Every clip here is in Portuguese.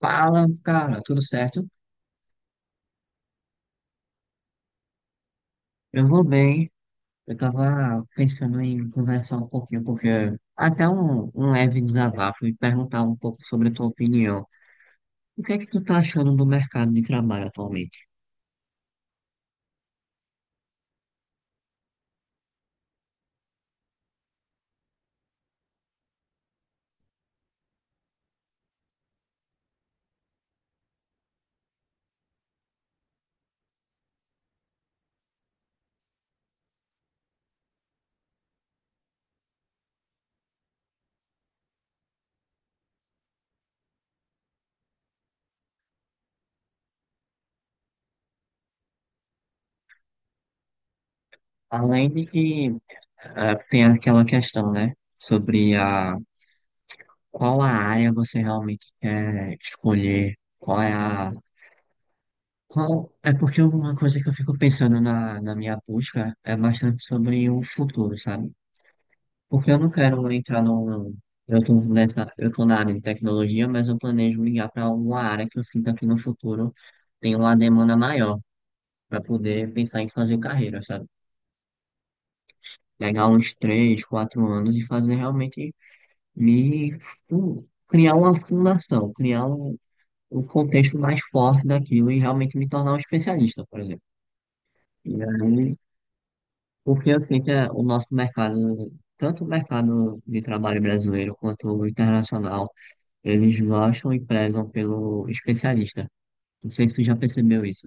Fala, cara, tudo certo? Eu vou bem. Eu tava pensando em conversar um pouquinho, porque até um leve desabafo e perguntar um pouco sobre a tua opinião. O que é que tu tá achando do mercado de trabalho atualmente? Além de que tem aquela questão, né, sobre a qual a área você realmente quer escolher, qual é a... Qual, é porque uma coisa que eu fico pensando na minha busca é bastante sobre o futuro, sabe? Porque eu não quero entrar num. Eu tô nessa, eu tô na área de tecnologia, mas eu planejo migrar para alguma área que eu sinta que no futuro tem uma demanda maior para poder pensar em fazer carreira, sabe? Pegar uns três, quatro anos e fazer realmente me criar uma fundação, criar um contexto mais forte daquilo e realmente me tornar um especialista, por exemplo. E aí, porque eu sinto que é o nosso mercado, tanto o mercado de trabalho brasileiro quanto o internacional. Eles gostam e prezam pelo especialista. Não sei se tu já percebeu isso.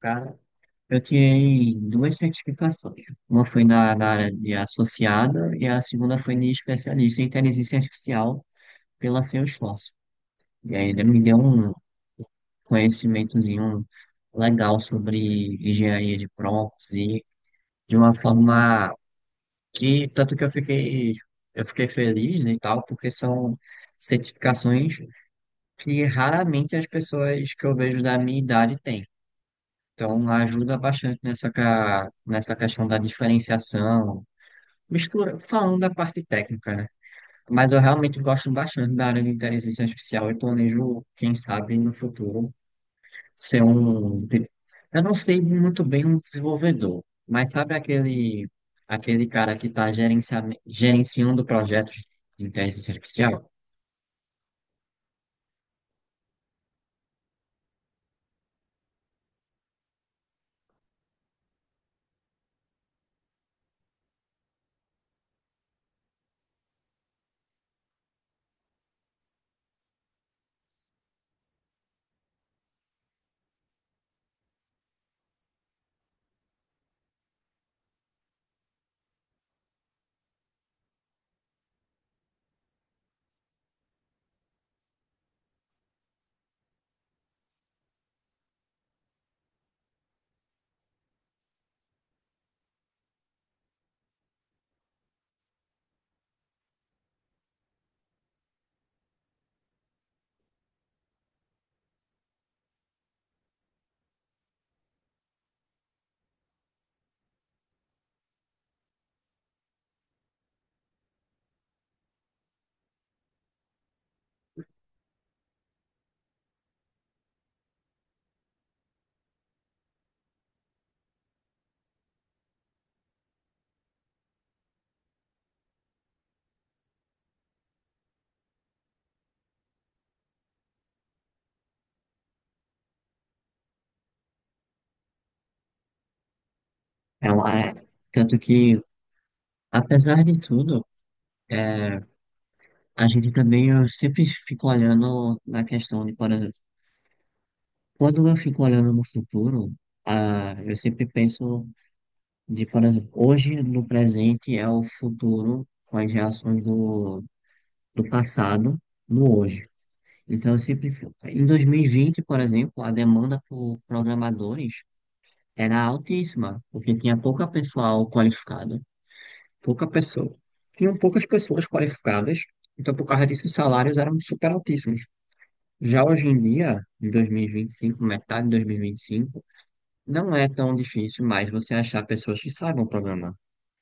Cara, eu tirei duas certificações. Uma foi na área de associada e a segunda foi de especialista em inteligência artificial pela Salesforce. E ainda me deu um conhecimentozinho legal sobre engenharia de prompts e de uma forma que tanto que eu fiquei feliz, né, e tal, porque são certificações que raramente as pessoas que eu vejo da minha idade têm. Então, ajuda bastante nessa, nessa questão da diferenciação, mistura, falando da parte técnica, né? Mas eu realmente gosto bastante da área de inteligência artificial e planejo, quem sabe, no futuro, ser um. Eu não sei muito bem, um desenvolvedor, mas sabe aquele, aquele cara que está gerenciando projetos de inteligência artificial? É uma- Tanto que, apesar de tudo, é, a gente também, eu sempre fico olhando na questão de, por exemplo, quando eu fico olhando no futuro, ah, eu sempre penso de, por exemplo, hoje no presente é o futuro com as reações do passado no hoje. Então, eu sempre, em 2020, por exemplo, a demanda por programadores era altíssima, porque tinha pouca pessoal qualificada, pouca pessoa. Tinham poucas pessoas qualificadas, então por causa disso os salários eram super altíssimos. Já hoje em dia, em 2025, metade de 2025, não é tão difícil mais você achar pessoas que saibam programar.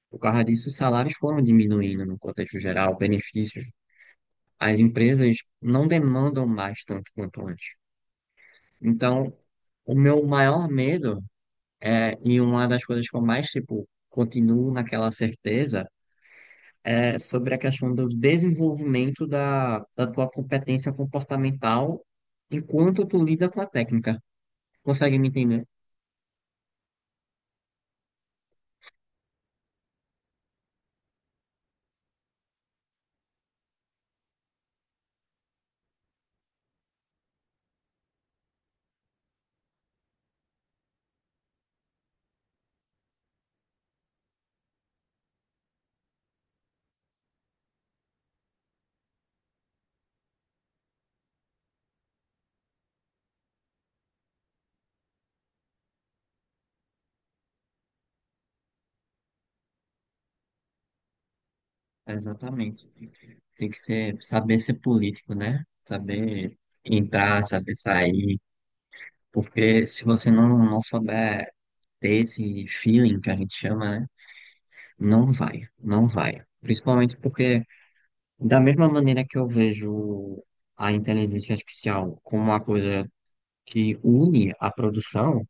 Por causa disso, os salários foram diminuindo no contexto geral, benefícios. As empresas não demandam mais tanto quanto antes. Então, o meu maior medo é, e uma das coisas que eu mais, tipo, continuo naquela certeza, é sobre a questão do desenvolvimento da tua competência comportamental enquanto tu lida com a técnica. Consegue me entender? Exatamente. Tem que ser, saber ser político, né? Saber entrar, saber sair. Porque se você não souber ter esse feeling que a gente chama, né? Não vai, não vai. Principalmente porque, da mesma maneira que eu vejo a inteligência artificial como uma coisa que une a produção,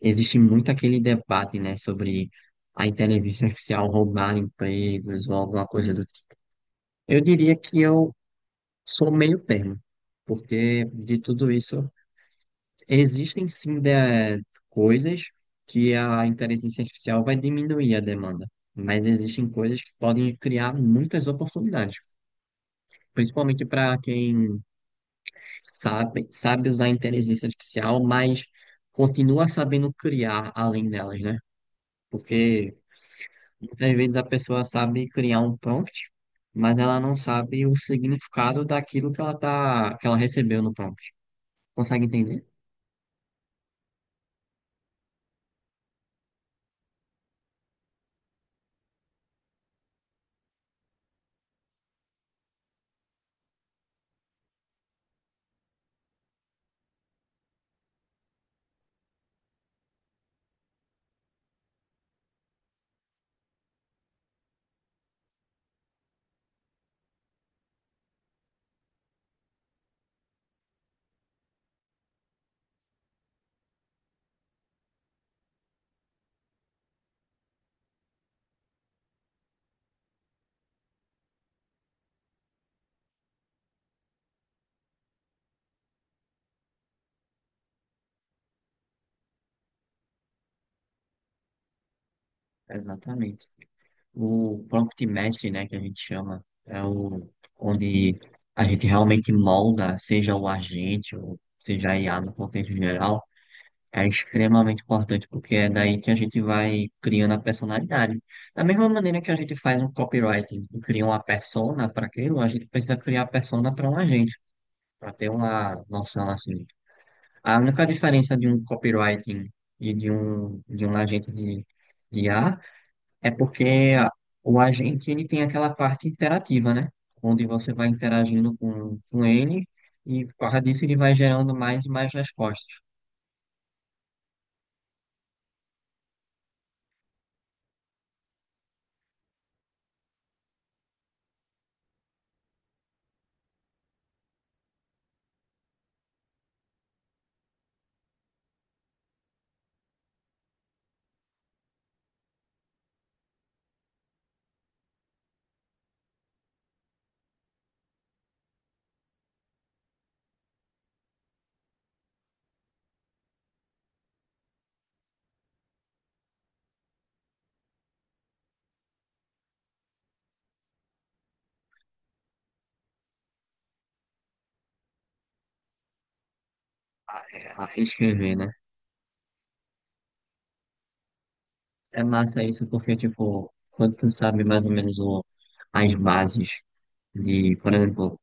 existe muito aquele debate, né, sobre a inteligência artificial roubar empregos ou alguma coisa do... Eu diria que eu sou meio termo, porque de tudo isso existem sim coisas que a inteligência artificial vai diminuir a demanda, mas existem coisas que podem criar muitas oportunidades, principalmente para quem sabe usar a inteligência artificial, mas continua sabendo criar além delas, né? Porque muitas vezes a pessoa sabe criar um prompt, mas ela não sabe o significado daquilo que ela recebeu no prompt. Consegue entender? Exatamente. O prompt mestre, né, que a gente chama, é o onde a gente realmente molda, seja o agente ou seja a IA no contexto geral, é extremamente importante porque é daí que a gente vai criando a personalidade. Da mesma maneira que a gente faz um copywriting e cria uma persona para aquilo, a gente precisa criar a persona para um agente, para ter uma noção assim. A única diferença de um copywriting e de um agente de IA. É porque a- o agente ele tem aquela parte interativa, né? Onde você vai interagindo com ele e por causa disso ele vai gerando mais e mais respostas a escrever, né? É massa isso porque, tipo, quando tu sabe mais ou menos o, as bases de, por exemplo,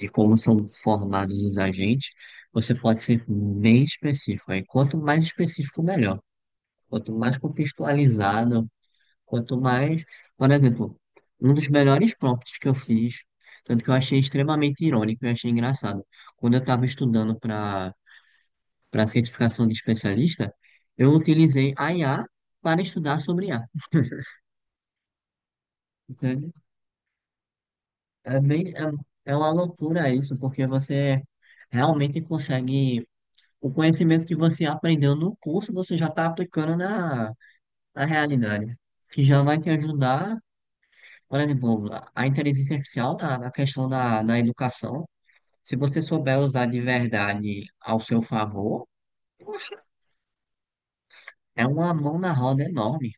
de como são formados os agentes, você pode ser bem específico. Aí quanto mais específico, melhor. Quanto mais contextualizado. Quanto mais, por exemplo, um dos melhores prompts que eu fiz, tanto que eu achei extremamente irônico e achei engraçado. Quando eu estava estudando para certificação de especialista, eu utilizei a IA para estudar sobre IA. Entende? É bem, é uma loucura isso, porque você realmente consegue o conhecimento que você aprendeu no curso, você já está aplicando na realidade, que já vai te ajudar. Por exemplo, a inteligência artificial na questão da educação, se você souber usar de verdade ao seu favor, poxa, é uma mão na roda enorme.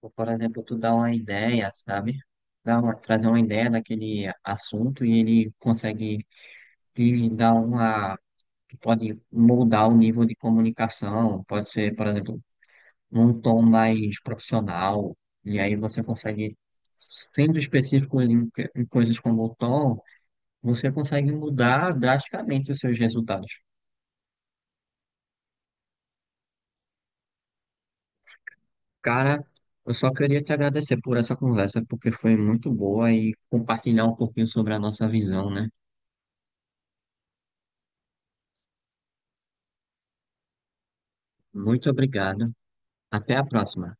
Ou, por exemplo, tu dá uma ideia, sabe? Trazer uma ideia daquele assunto e ele consegue te dar uma. Pode moldar o nível de comunicação, pode ser, por exemplo, num tom mais profissional, e aí você consegue, sendo específico em coisas como o tom. Você consegue mudar drasticamente os seus resultados. Cara, eu só queria te agradecer por essa conversa, porque foi muito boa e compartilhar um pouquinho sobre a nossa visão, né? Muito obrigado. Até a próxima.